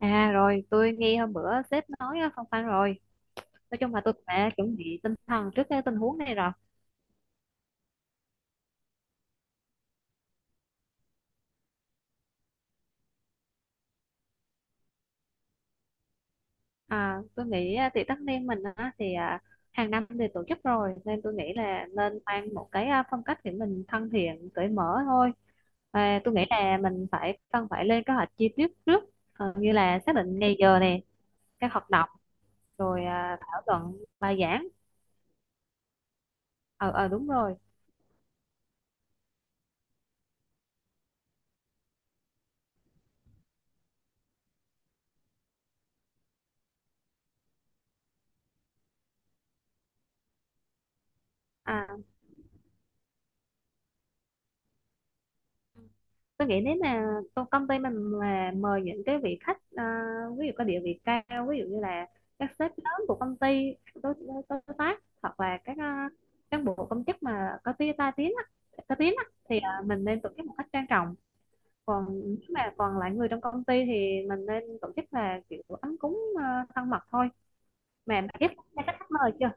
À rồi, tôi nghe hôm bữa sếp nói phong phanh rồi. Nói chung là tôi cũng đã chuẩn bị tinh thần trước cái tình huống này rồi. Tôi nghĩ tiệc tất niên mình á, thì hàng năm thì tổ chức rồi nên tôi nghĩ là nên mang một cái phong cách để mình thân thiện, cởi mở thôi. Tôi nghĩ là mình cần phải lên kế hoạch chi tiết trước, như là xác định ngày giờ này, các hoạt động, rồi thảo luận bài giảng. Ờ, đúng rồi. À, tôi nghĩ nếu mà công công ty mình mà mời những cái vị khách ví dụ có địa vị cao, ví dụ như là các sếp lớn của công ty, đối tác hoặc là các cán bộ công chức mà có tiếng á thì mình nên tổ chức một cách trang trọng. Còn nếu mà còn lại người trong công ty thì mình nên tổ chức là kiểu ấm cúng, thân mật thôi. Mà bạn biết các khách mời chưa?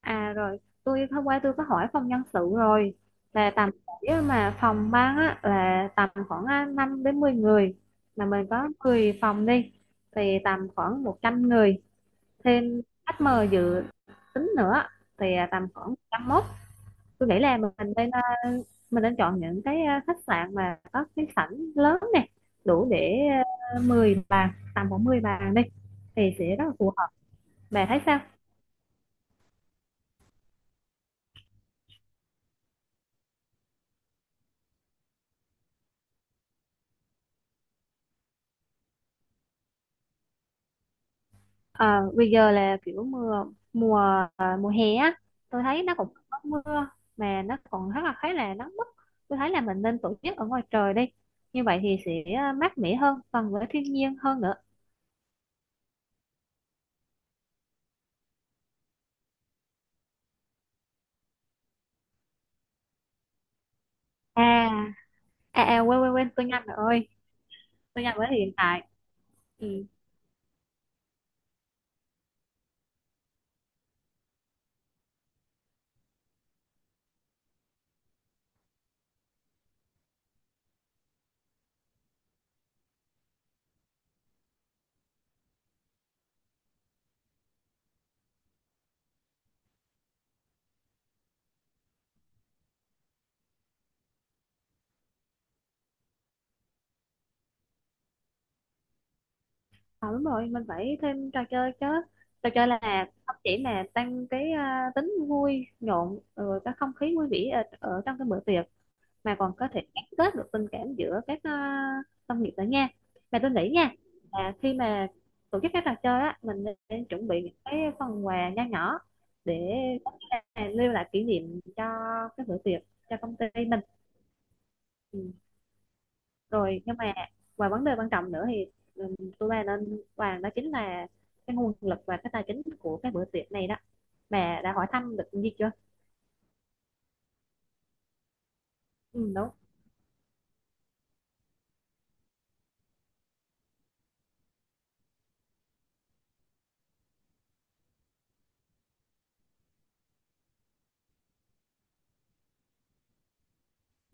À rồi, hôm qua tôi có hỏi phòng nhân sự rồi, là tầm, nếu mà phòng ban á là tầm khoảng 5 đến 10 người, mà mình có 10 phòng đi thì tầm khoảng 100 người, thêm khách mời dự tính nữa thì tầm khoảng 101. Tôi nghĩ là mình nên mình nên chọn những cái khách sạn mà có cái sảnh lớn nè, đủ để 10 bàn, tầm khoảng 10 bàn đi, thì sẽ rất là phù hợp. Bà thấy sao? À, bây giờ là kiểu mưa mùa, mùa hè á, tôi thấy nó cũng có mưa mà nó còn rất là khá là nắng bức, tôi thấy là mình nên tổ chức ở ngoài trời đi, như vậy thì sẽ mát mẻ hơn, gần với thiên nhiên hơn nữa. À, à, quên quên quên tôi nhanh rồi ơi, tôi nhanh với hiện tại. Ừ. À, đúng rồi, mình phải thêm trò chơi chứ. Trò chơi là không chỉ là tăng cái tính vui nhộn rồi cái không khí vui vẻ ở trong cái bữa tiệc, mà còn có thể gắn kết được tình cảm giữa các đồng nghiệp nữa nha. Mà tôi nghĩ nha, là khi mà tổ chức các trò chơi á, mình nên chuẩn bị những cái phần quà nho nhỏ để có thể là lưu lại kỷ niệm cho cái bữa tiệc, cho công ty mình. Ừ. Rồi nhưng mà, và vấn đề quan trọng nữa thì, tôi ba nên bàn đó, chính là cái nguồn lực và cái tài chính của cái bữa tiệc này đó, mà đã hỏi thăm được gì chưa? Ừ, đúng.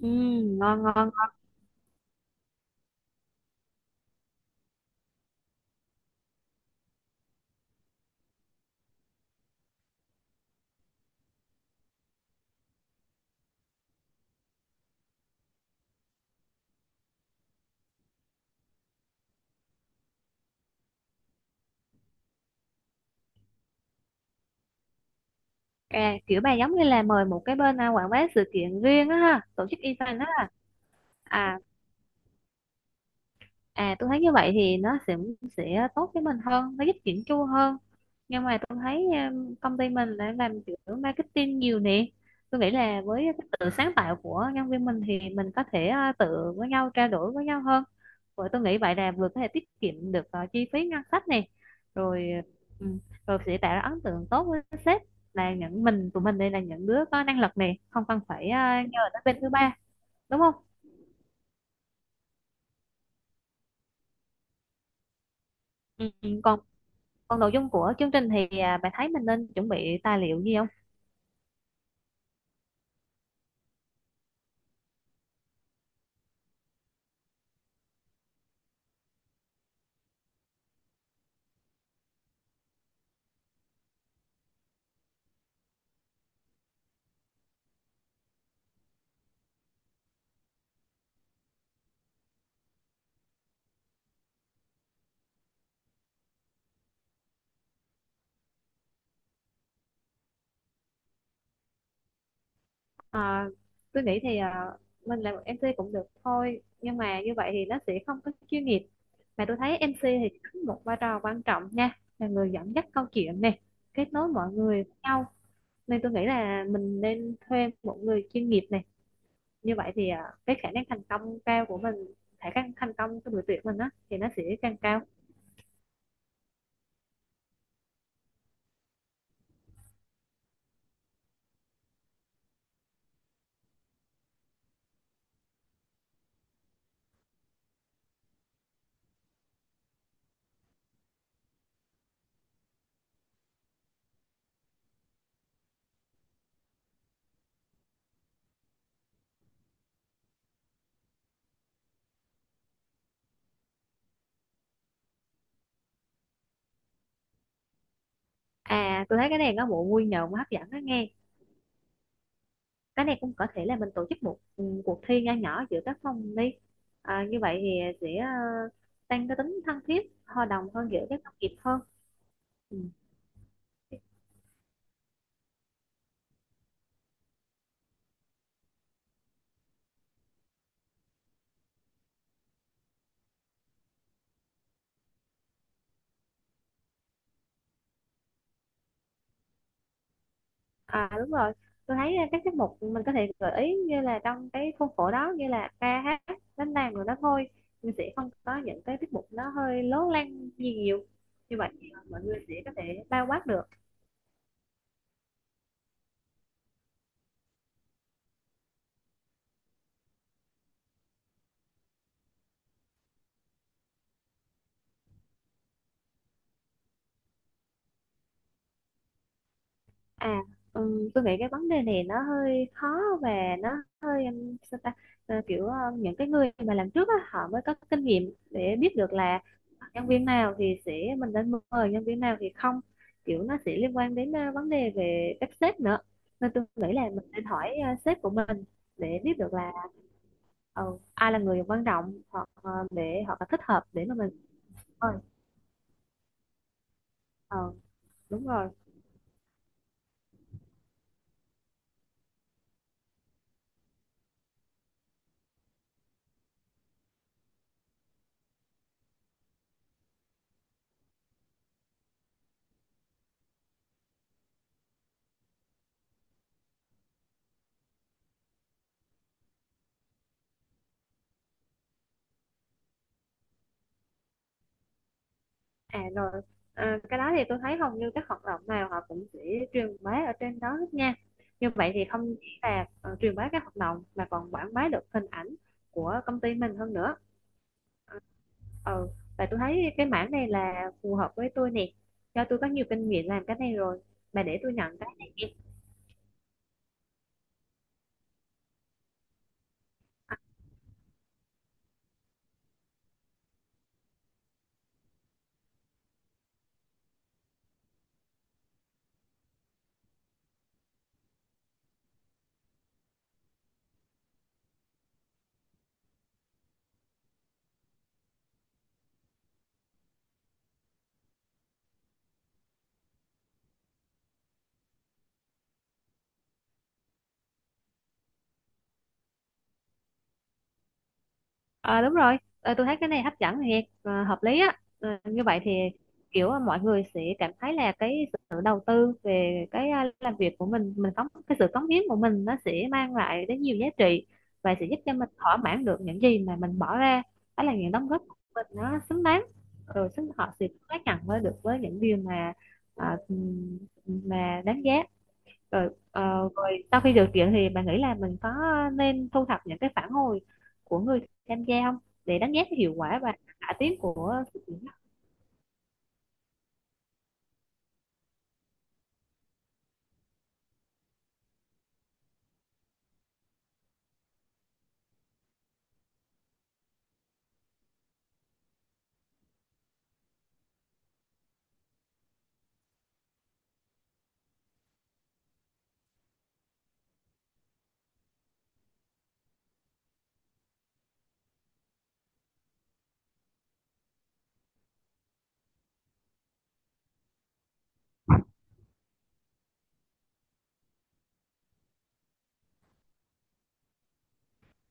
Ừ, ngon ngon. À, kiểu bà giống như là mời một cái bên quảng bá sự kiện riêng á ha, tổ chức event á. À à, tôi thấy như vậy thì nó sẽ tốt với mình hơn, nó giúp chỉnh chu hơn. Nhưng mà tôi thấy công ty mình đã làm kiểu marketing nhiều nè, tôi nghĩ là với cái tự sáng tạo của nhân viên mình thì mình có thể tự với nhau trao đổi với nhau hơn. Vậy tôi nghĩ vậy là vừa có thể tiết kiệm được chi phí ngân sách này, rồi ừ, rồi sẽ tạo ra ấn tượng tốt với sếp là những mình tụi mình đây là những đứa có năng lực này, không cần phải nhờ đến bên thứ 3, đúng không? Ừ, ừ, còn. Còn nội dung của chương trình thì bạn thấy mình nên chuẩn bị tài liệu gì không? À, tôi nghĩ thì à, mình làm một MC cũng được thôi, nhưng mà như vậy thì nó sẽ không có chuyên nghiệp, mà tôi thấy MC thì đóng một vai trò quan trọng nha, là người dẫn dắt câu chuyện này, kết nối mọi người với nhau, nên tôi nghĩ là mình nên thuê một người chuyên nghiệp này. Như vậy thì cái khả năng thành công cao của mình, khả năng thành công của buổi tuyển mình á thì nó sẽ càng cao. À tôi thấy cái này có bộ vui nhộn hấp dẫn đó nghe. Cái này cũng có thể là mình tổ chức một cuộc thi nho nhỏ giữa các phòng đi, à, như vậy thì sẽ tăng cái tính thân thiết hòa đồng hơn giữa các đồng nghiệp hơn. Ừ. À đúng rồi, tôi thấy các tiết mục mình có thể gợi ý như là trong cái khuôn khổ đó, như là ca hát, đánh đàn rồi đó thôi, mình sẽ không có những cái tiết mục nó hơi lố lăng gì nhiều. Như vậy thì mọi người sẽ có thể bao quát được. À, tôi nghĩ cái vấn đề này nó hơi khó, và nó sao ta. Ờ, kiểu ờ, những cái người mà làm trước á, họ mới có kinh nghiệm để biết được là nhân viên nào thì sẽ, mình nên mời nhân viên nào thì không, kiểu nó sẽ liên quan đến vấn đề về cách sếp nữa, nên tôi nghĩ là mình nên hỏi sếp của mình để biết được là ờ, ai là người quan trọng, hoặc ờ, để họ thích hợp để mà mình mời. Ờ, đúng rồi. À rồi, à, cái đó thì tôi thấy hầu như các hoạt động nào họ cũng sẽ truyền bá ở trên đó hết nha. Như vậy thì không chỉ là truyền bá các hoạt động mà còn quảng bá được hình ảnh của công ty mình hơn nữa. Ừ, và tôi thấy cái mảng này là phù hợp với tôi nè. Do tôi có nhiều kinh nghiệm làm cái này rồi. Bà để tôi nhận cái này. Ờ đúng rồi, ờ, tôi thấy cái này hấp dẫn thiệt, ờ, hợp lý á. Ờ, như vậy thì kiểu ờ, mọi người sẽ cảm thấy là cái sự đầu tư về cái làm việc của mình có cái sự cống hiến của mình, nó sẽ mang lại đến nhiều giá trị và sẽ giúp cho mình thỏa mãn được những gì mà mình bỏ ra. Đó là những đóng góp của mình nó xứng đáng, rồi xứng họ sẽ xác nhận với được với những điều mà ờ, mà đáng giá. Rồi ờ, rồi sau khi được tuyển thì bạn nghĩ là mình có nên thu thập những cái phản hồi của người tham gia không, để đánh giá cái hiệu quả và cải tiến của sự kiện đó?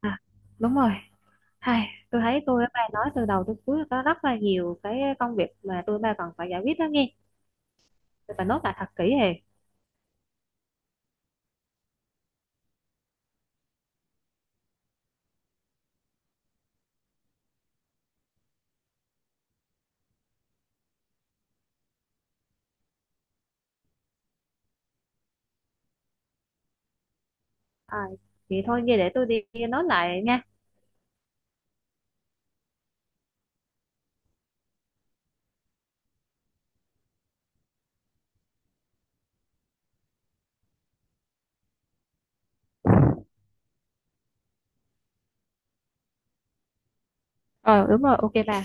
À, đúng rồi. Hai, tôi thấy tôi với bà nói từ đầu tới cuối có rất là nhiều cái công việc mà tôi ba còn phải giải quyết đó nghe, tôi phải nốt lại thật kỹ hề. À, vậy thôi nghe, để tôi đi nốt lại nha. Ờ đúng rồi, ok bà.